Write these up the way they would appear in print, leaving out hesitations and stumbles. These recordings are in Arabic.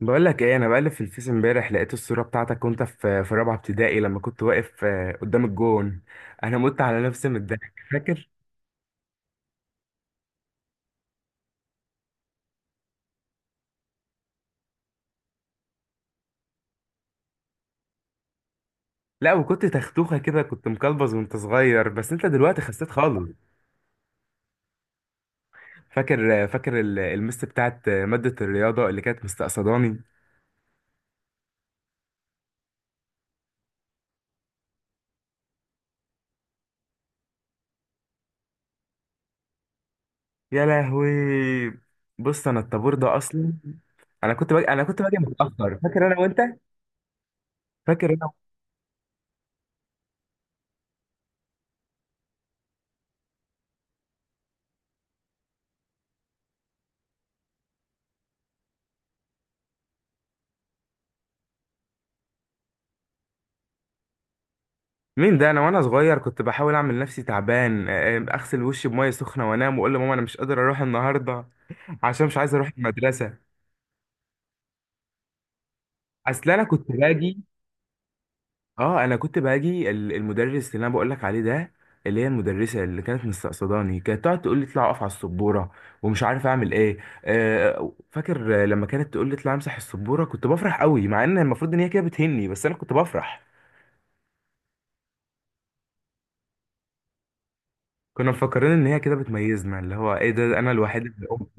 بقول لك ايه، انا بقلب في الفيس امبارح لقيت الصوره بتاعتك وانت في رابعه ابتدائي لما كنت واقف قدام الجون. انا مت على نفسي من الضحك، فاكر. لا وكنت تختوخه كده، كنت مكلبز وانت صغير، بس انت دلوقتي خسيت خالص. فاكر المس بتاعت ماده الرياضه اللي كانت مستقصداني. يا لهوي! بص انا الطابور ده اصلا، انا كنت باجي متاخر، فاكر انا وانت؟ فاكر؟ مين ده؟ انا وانا صغير كنت بحاول اعمل نفسي تعبان، اغسل وشي بميه سخنه وانام واقول لماما انا مش قادر اروح النهارده عشان مش عايز اروح المدرسه. اصل انا كنت باجي المدرس اللي انا بقول لك عليه ده، اللي هي المدرسه اللي كانت مستقصداني، كانت تقعد تقول لي اطلع اقف على السبوره، ومش عارف اعمل ايه. آه، فاكر آه، لما كانت تقول لي اطلع امسح السبوره كنت بفرح قوي، مع ان المفروض ان هي كده بتهني، بس انا كنت بفرح. كنا مفكرين ان هي كده بتميزنا، اللي هو ايه ده، انا الوحيد اللي قمت.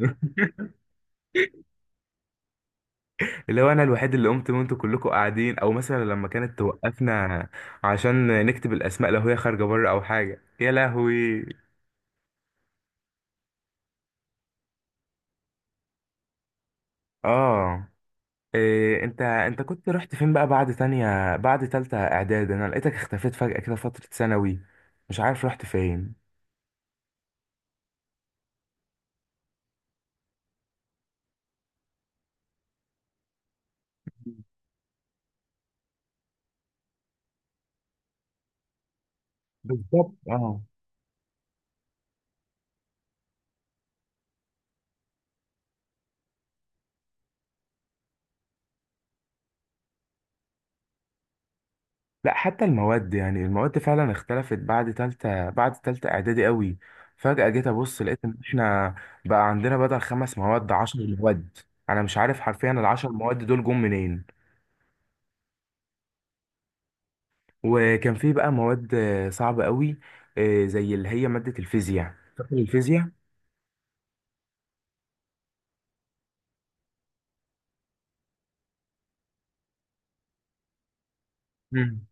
اللي هو انا الوحيد اللي قمت وانتوا كلكم قاعدين، او مثلا لما كانت توقفنا عشان نكتب الاسماء لو هي خارجه بره او حاجه. يا لهوي! اه. إيه، انت كنت رحت فين بقى بعد تانية، بعد تالتة اعداد؟ انا لقيتك اختفيت فجأة كده فترة ثانوي، مش عارف رحت فين. بالظبط، اه. لا حتى المواد، يعني المواد فعلا اختلفت بعد تالتة بعد تالتة اعدادي قوي. فجأة جيت ابص لقيت ان احنا بقى عندنا بدل خمس مواد عشر مواد. انا مش عارف حرفيا العشر مواد دول جم منين. وكان في بقى مواد صعبة قوي، زي اللي هي مادة الفيزياء. فاكر الفيزياء؟ امم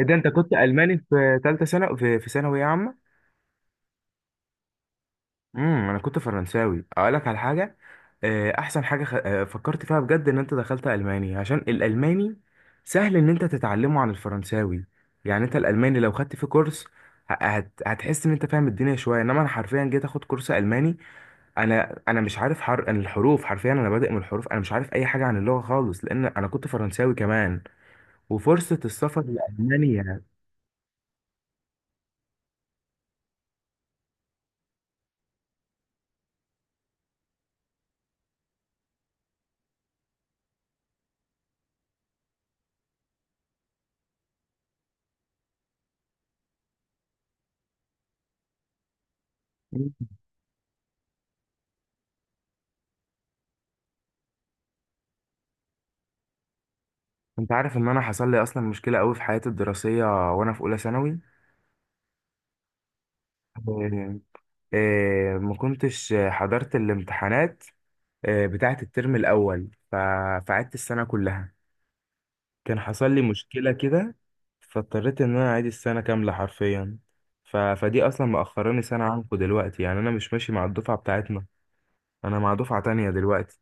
إيه ده، انت كنت الماني في تالتة سنة في ثانوية عامة؟ انا كنت فرنساوي. اقول لك على حاجة، آه، احسن حاجه خ... آه، فكرت فيها بجد ان انت دخلت الماني عشان الالماني سهل ان انت تتعلمه عن الفرنساوي. يعني انت الالماني لو خدت فيه كورس هتحس ان انت فاهم الدنيا شويه، انما انا حرفيا جيت اخد كورس الماني. انا مش عارف حر... أنا الحروف حرفيا، انا بادئ من الحروف، انا مش عارف اي حاجه عن اللغه خالص، لان انا كنت فرنساوي كمان، وفرصه السفر لالمانيا. انت عارف ان انا حصل لي اصلا مشكله قوي في حياتي الدراسيه وانا في اولى ثانوي؟ آه، ما كنتش حضرت الامتحانات، بتاعة الترم الأول، فقعدت السنة كلها. كان حصل لي مشكلة كده، فاضطريت إن أنا أعيد السنة كاملة حرفيا. فدي أصلا مأخراني سنة عنكم دلوقتي، يعني أنا مش ماشي مع الدفعة بتاعتنا. أنا مع دفعة تانية دلوقتي.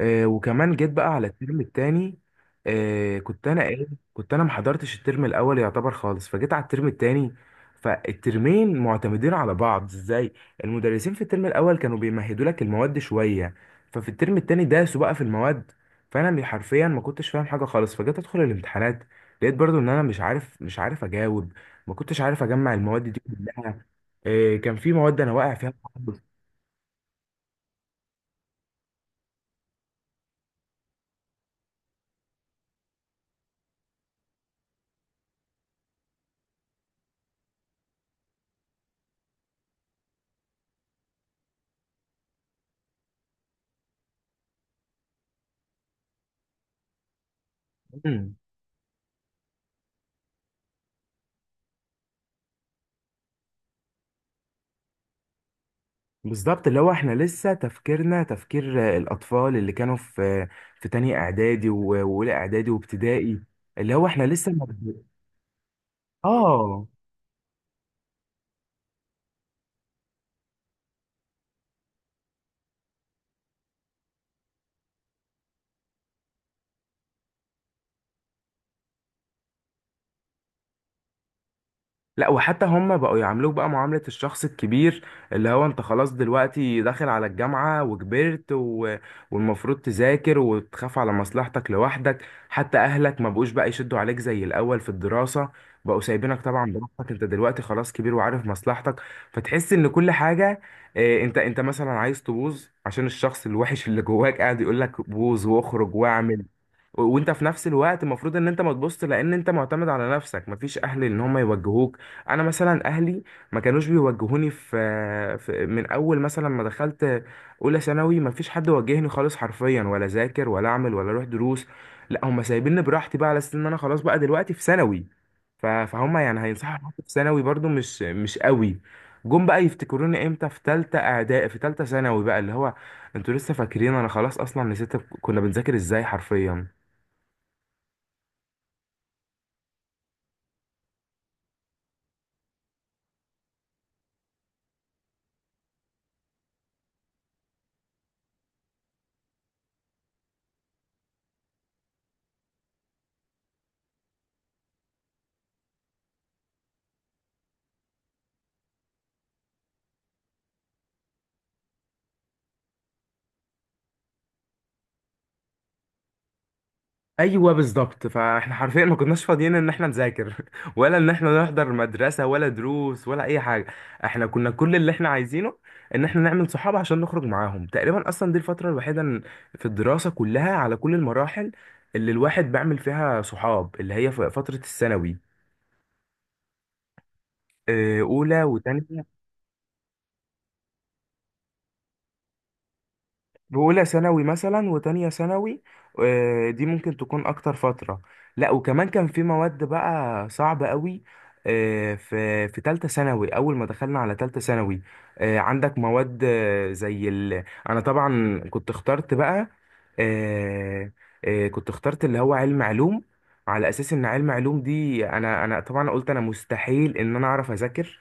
وكمان جيت بقى على الترم التاني. آه كنت انا ايه كنت انا محضرتش الترم الاول يعتبر خالص، فجيت على الترم التاني. فالترمين معتمدين على بعض ازاي؟ المدرسين في الترم الاول كانوا بيمهدوا لك المواد شويه، ففي الترم التاني داسوا بقى في المواد. حرفيا ما كنتش فاهم حاجه خالص، فجيت ادخل الامتحانات لقيت برضو ان انا مش عارف اجاوب، ما كنتش عارف اجمع المواد دي كلها. كان في مواد انا واقع فيها خالص. بالظبط، اللي هو احنا لسه تفكيرنا تفكير الأطفال اللي كانوا في تانية إعدادي وأولى إعدادي وابتدائي، اللي هو احنا لسه اه. لا وحتى هم بقوا يعاملوك بقى معاملة الشخص الكبير، اللي هو انت خلاص دلوقتي داخل على الجامعة وكبرت، والمفروض تذاكر وتخاف على مصلحتك لوحدك. حتى اهلك ما بقوش بقى يشدوا عليك زي الاول في الدراسة، بقوا سايبينك طبعا براحتك، انت دلوقتي خلاص كبير وعارف مصلحتك، فتحس ان كل حاجة. اه، انت مثلا عايز تبوظ، عشان الشخص الوحش اللي جواك قاعد يقولك بوظ واخرج واعمل، وانت في نفس الوقت المفروض ان انت ما تبص، لان انت معتمد على نفسك، مفيش اهل ان هم يوجهوك. انا مثلا اهلي ما كانوش بيوجهوني في من اول مثلا ما دخلت اولى ثانوي، مفيش حد وجهني خالص حرفيا، ولا ذاكر ولا اعمل ولا اروح دروس. لا، هم سايبيني براحتي بقى على اساس ان انا خلاص بقى دلوقتي في ثانوي، فهم يعني هينصحوا بحاجة في ثانوي برضو، مش قوي. جم بقى يفتكروني امتى، في تالتة اعدادي في تالتة ثانوي بقى، اللي هو انتوا لسه فاكرين؟ انا خلاص اصلا نسيت كنا بنذاكر ازاي حرفيا. ايوه، بالظبط، فاحنا حرفيا ما كناش فاضيين ان احنا نذاكر ولا ان احنا نحضر مدرسه ولا دروس ولا اي حاجه. احنا كنا كل اللي احنا عايزينه ان احنا نعمل صحاب عشان نخرج معاهم. تقريبا اصلا دي الفتره الوحيده في الدراسه كلها، على كل المراحل، اللي الواحد بيعمل فيها صحاب، اللي هي فتره الثانوي، اولى وتانية، بأولى ثانوي مثلا وتانية ثانوي. دي ممكن تكون أكتر فترة. لا وكمان كان في مواد بقى صعبة قوي، في تالتة ثانوي. أول ما دخلنا على تالتة ثانوي عندك مواد أنا طبعا كنت اخترت بقى، آه، كنت اخترت اللي هو علم علوم، على أساس إن علم علوم دي، أنا طبعا قلت أنا مستحيل إن أنا أعرف أذاكر،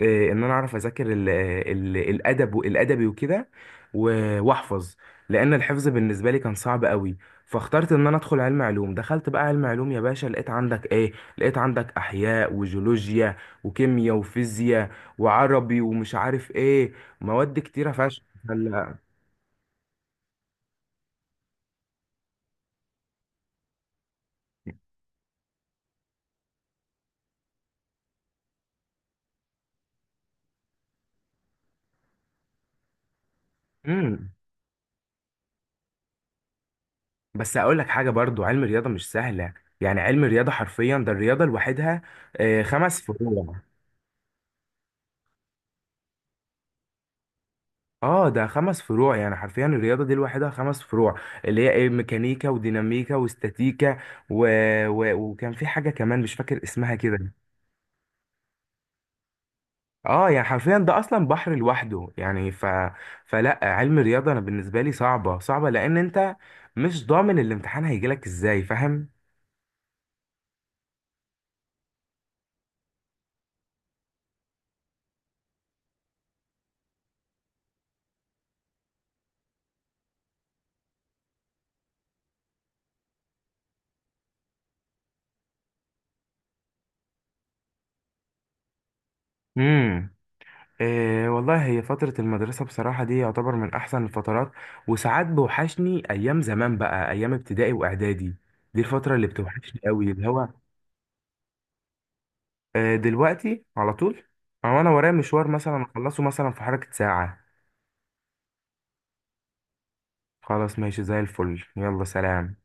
ان انا اعرف اذاكر ال ال الادب والادبي وكده، واحفظ، لان الحفظ بالنسبه لي كان صعب قوي. فاخترت ان انا ادخل علم علوم. دخلت بقى علم علوم يا باشا، لقيت عندك ايه؟ لقيت عندك احياء وجيولوجيا وكيمياء وفيزياء وعربي ومش عارف ايه، مواد كتيره فشخ. فال- امم بس اقول لك حاجه، برضو علم الرياضه مش سهله. يعني علم الرياضه حرفيا، ده الرياضه لوحدها خمس فروع. اه، ده خمس فروع، يعني حرفيا الرياضة دي لوحدها خمس فروع، اللي هي ايه، ميكانيكا وديناميكا واستاتيكا و... وكان في حاجة كمان مش فاكر اسمها كده. اه، يعني حرفيا ده اصلا بحر لوحده، يعني فلا، علم الرياضة انا بالنسبة لي صعبة صعبة، لان انت مش ضامن الامتحان هيجيلك ازاي، فاهم؟ امم إيه والله، هي فترة المدرسة بصراحة دي يعتبر من احسن الفترات، وساعات بوحشني ايام زمان بقى، ايام ابتدائي واعدادي، دي الفترة اللي بتوحشني قوي، اللي هو دلوقتي على طول، او انا ورايا مشوار مثلا اخلصه مثلا في حركة ساعة. خلاص، ماشي زي الفل، يلا سلام.